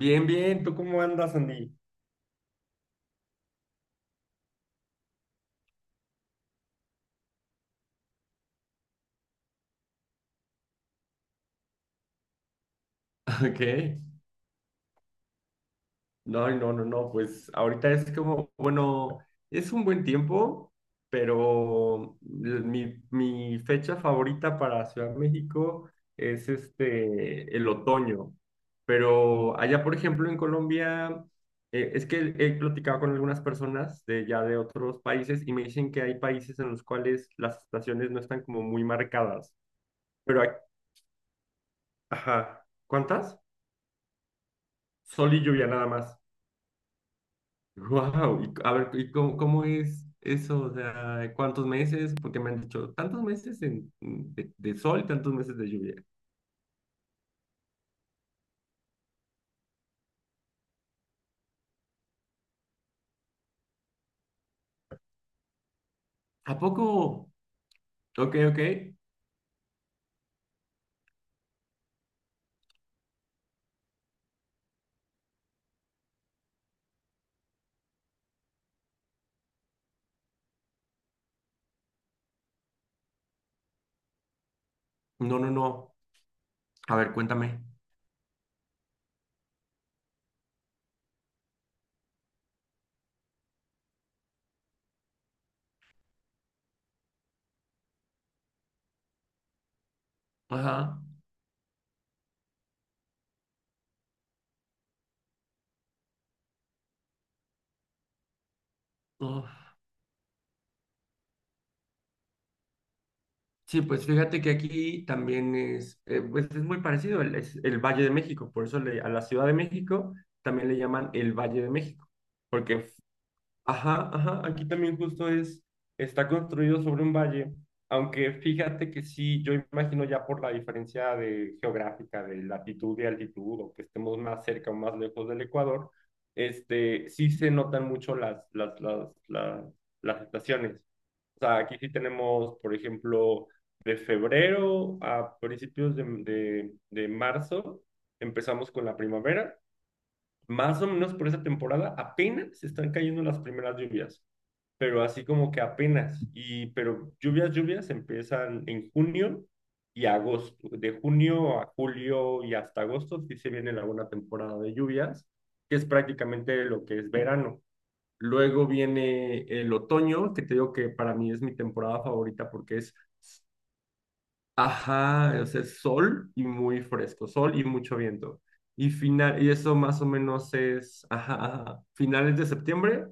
Bien, bien, ¿tú cómo andas, Andy? Ok. No, no, no, no, pues ahorita es como, bueno, es un buen tiempo, pero mi fecha favorita para Ciudad de México es el otoño. Pero allá, por ejemplo, en Colombia, es que he platicado con algunas personas de ya de otros países y me dicen que hay países en los cuales las estaciones no están como muy marcadas. Pero, ac- ajá, ¿cuántas? Sol y lluvia nada más. Wow, y, a ver, ¿y cómo, es eso? O sea, ¿cuántos meses? Porque me han dicho, tantos meses de sol y tantos meses de lluvia. ¿A poco? Ok, ok. No, no, no. A ver, cuéntame. Ajá. Uf. Sí, pues fíjate que aquí también es, pues es muy parecido, es el Valle de México, por eso a la Ciudad de México también le llaman el Valle de México, porque ajá, ajá, aquí también justo es, está construido sobre un valle, aunque fíjate que sí, yo imagino ya por la diferencia de geográfica, de latitud y altitud, o que estemos más cerca o más lejos del Ecuador, sí se notan mucho las estaciones. O sea, aquí sí tenemos, por ejemplo, de febrero a principios de marzo, empezamos con la primavera. Más o menos por esa temporada apenas están cayendo las primeras lluvias, pero así como que apenas, y pero lluvias, lluvias empiezan en junio y agosto, de junio a julio y hasta agosto sí se viene la buena temporada de lluvias, que es prácticamente lo que es verano. Luego viene el otoño, que te digo que para mí es mi temporada favorita porque es... Ajá, o sea, es sol y muy fresco, sol y mucho viento. Y final, y eso más o menos es, ajá, ajá, finales de septiembre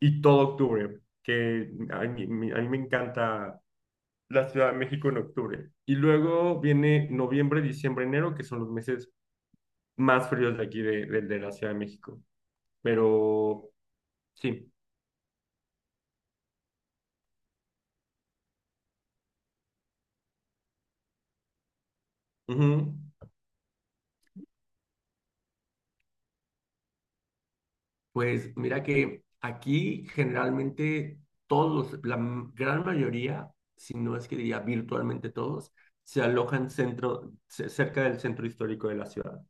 y todo octubre, que a mí, a mí me encanta la Ciudad de México en octubre. Y luego viene noviembre, diciembre, enero, que son los meses más fríos de aquí de la Ciudad de México. Pero sí. Ujú. Pues mira que aquí generalmente todos, gran mayoría, si no es que diría virtualmente todos, se alojan centro, cerca del centro histórico de la ciudad.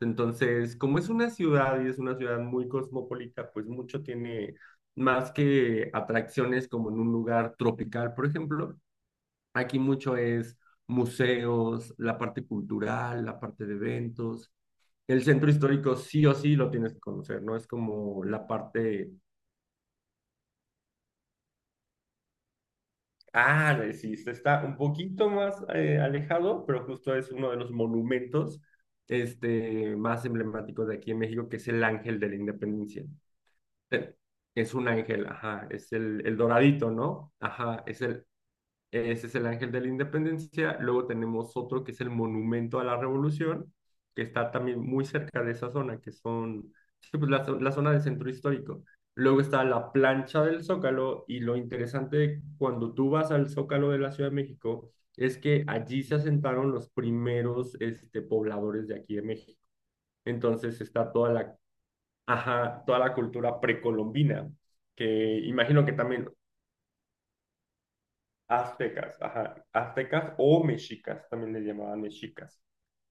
Entonces, como es una ciudad y es una ciudad muy cosmopolita, pues mucho tiene más que atracciones como en un lugar tropical, por ejemplo. Aquí mucho es museos, la parte cultural, la parte de eventos. El centro histórico sí o sí lo tienes que conocer, ¿no? Es como la parte... Sí, se está un poquito más alejado, pero justo es uno de los monumentos más emblemáticos de aquí en México, que es el Ángel de la Independencia. Eh, Es un ángel, ajá, es el doradito, ¿no? Ajá, es el Ese es el Ángel de la Independencia. Luego tenemos otro que es el Monumento a la Revolución, que está también muy cerca de esa zona, que son sí, pues, la zona del centro histórico. Luego está la plancha del Zócalo y lo interesante cuando tú vas al Zócalo de la Ciudad de México es que allí se asentaron los primeros pobladores de aquí de México. Entonces está toda la, ajá, toda la cultura precolombina, que imagino que también aztecas, ajá, aztecas o mexicas, también le llamaban mexicas.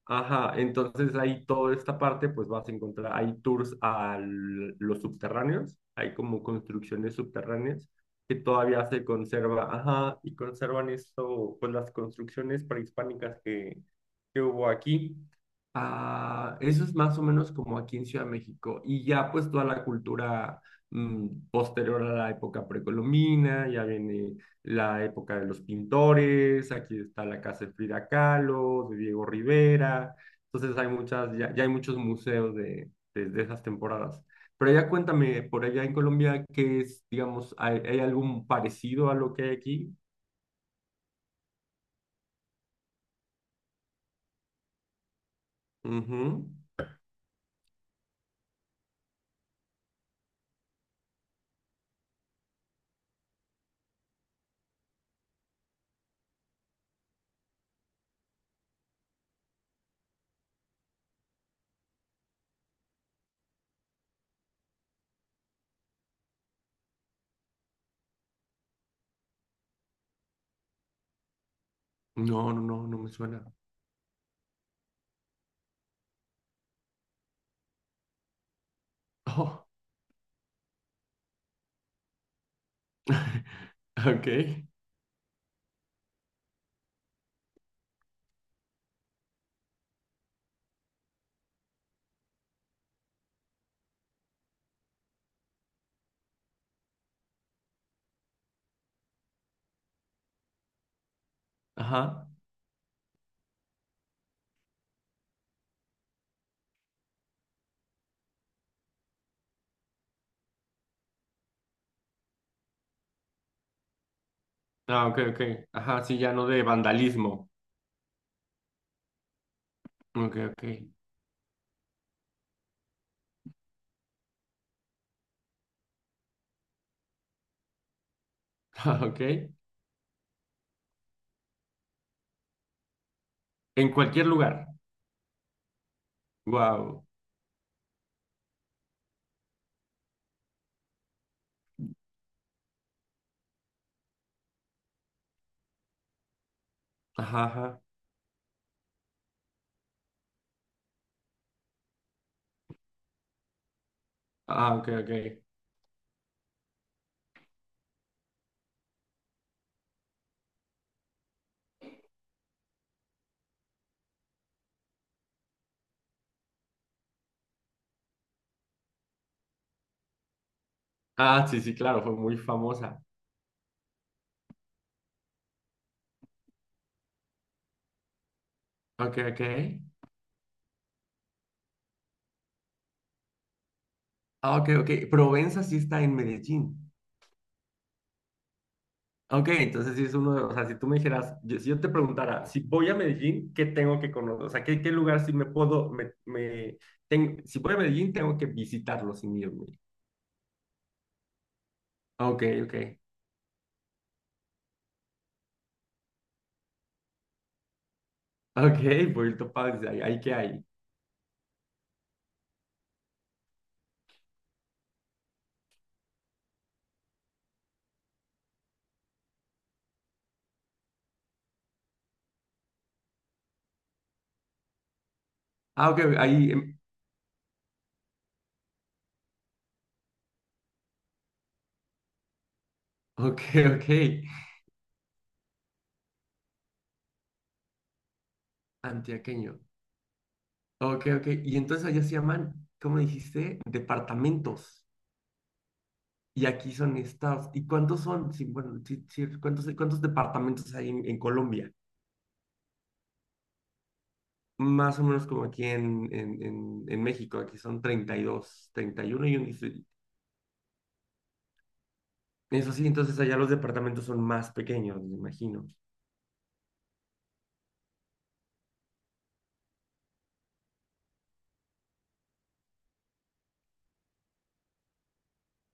Ajá, entonces ahí toda esta parte, pues vas a encontrar, hay tours a los subterráneos, hay como construcciones subterráneas que todavía se conserva, ajá, y conservan esto, pues las construcciones prehispánicas que hubo aquí. Ah, eso es más o menos como aquí en Ciudad de México. Y ya pues toda la cultura posterior a la época precolombina, ya viene la época de los pintores, aquí está la casa de Frida Kahlo, de Diego Rivera, entonces hay muchas, ya, ya hay muchos museos de esas temporadas. Pero ya cuéntame, por allá en Colombia, ¿qué es, digamos, hay algo parecido a lo que hay aquí? Ujú. No, no, no, no me suena. Oh. Ok, ajá. Ah, ok, ok. Ajá, sí, ya no de vandalismo. Ok, ok. Ah, ok. En cualquier lugar. Wow. Ajá, ajá. Ah, ok, ok. Ah, sí, sí, claro, fue muy famosa. Ok, ok. Ah, ok, ok. Provenza sí está en Medellín. Ok, entonces sí es uno de, o sea, si tú me dijeras, si yo te preguntara, si voy a Medellín, ¿qué tengo que conocer? O sea, ¿qué, lugar sí me puedo, si voy a Medellín, tengo que visitarlo sin irme? Ok, ok. Ok, Puerto Paz, ahí qué hay. Ah, ok, ahí, ok, ok. Antioqueño. Ok, ok. Y entonces allá se llaman, ¿cómo dijiste? Departamentos. Y aquí son estados. ¿Y cuántos son? Sí, bueno, sí, sí, ¿cuántos departamentos hay en Colombia? Más o menos como aquí en México. Aquí son 32, 31 y uno y un distrito. Eso sí, entonces allá los departamentos son más pequeños, me imagino.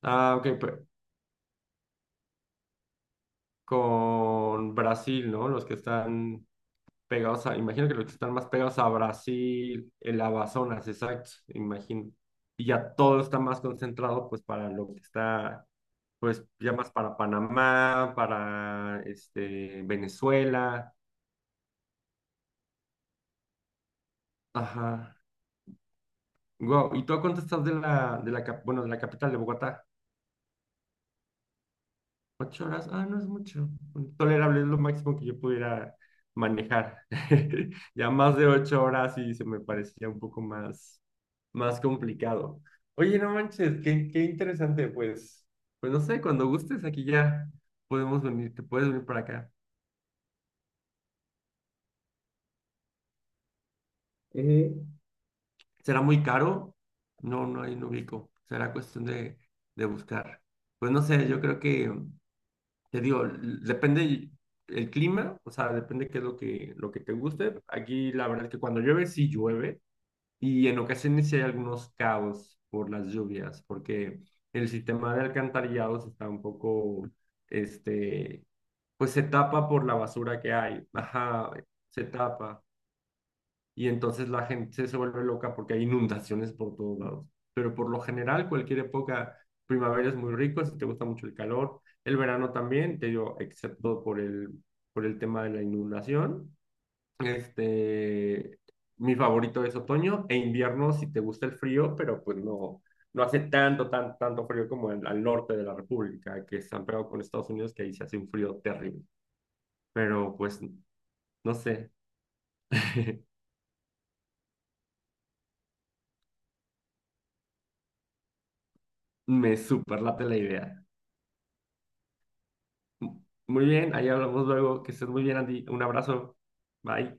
Ah, ok, pero con Brasil, ¿no? Los que están pegados a, imagino que los que están más pegados a Brasil, el Amazonas, exacto, imagino. Y ya todo está más concentrado, pues, para lo que está, pues, ya más para Panamá, para, Venezuela, ajá. Wow, ¿y tú a cuánto estás bueno, de la capital de Bogotá? Ocho horas, no es mucho. Tolerable es lo máximo que yo pudiera manejar. Ya más de ocho horas y se me parecía un poco más complicado. Oye, no manches, qué, interesante, pues. Pues no sé, cuando gustes aquí ya podemos venir, te puedes venir para acá. Eh, ¿Será muy caro? No, no hay no ubico. Será cuestión de buscar. Pues no sé, yo creo que te digo, depende el clima, o sea, depende qué es lo que te guste. Aquí la verdad es que cuando llueve, sí llueve, y en ocasiones sí hay algunos caos por las lluvias, porque el sistema de alcantarillados está un poco, este, pues se tapa por la basura que hay, ajá, se tapa y entonces la gente se vuelve loca porque hay inundaciones por todos lados. Pero por lo general, cualquier época, primavera es muy rico, si te gusta mucho el calor, el verano también, te digo, excepto por el, tema de la inundación. Este, Mi favorito es otoño e invierno si te gusta el frío, pero pues no, no hace tanto frío como al norte de la República, que están pegados con Estados Unidos, que ahí se hace un frío terrible. Pero pues, no sé, me superlate la idea. Muy bien, ahí hablamos luego. Que estés muy bien, Andy. Un abrazo. Bye.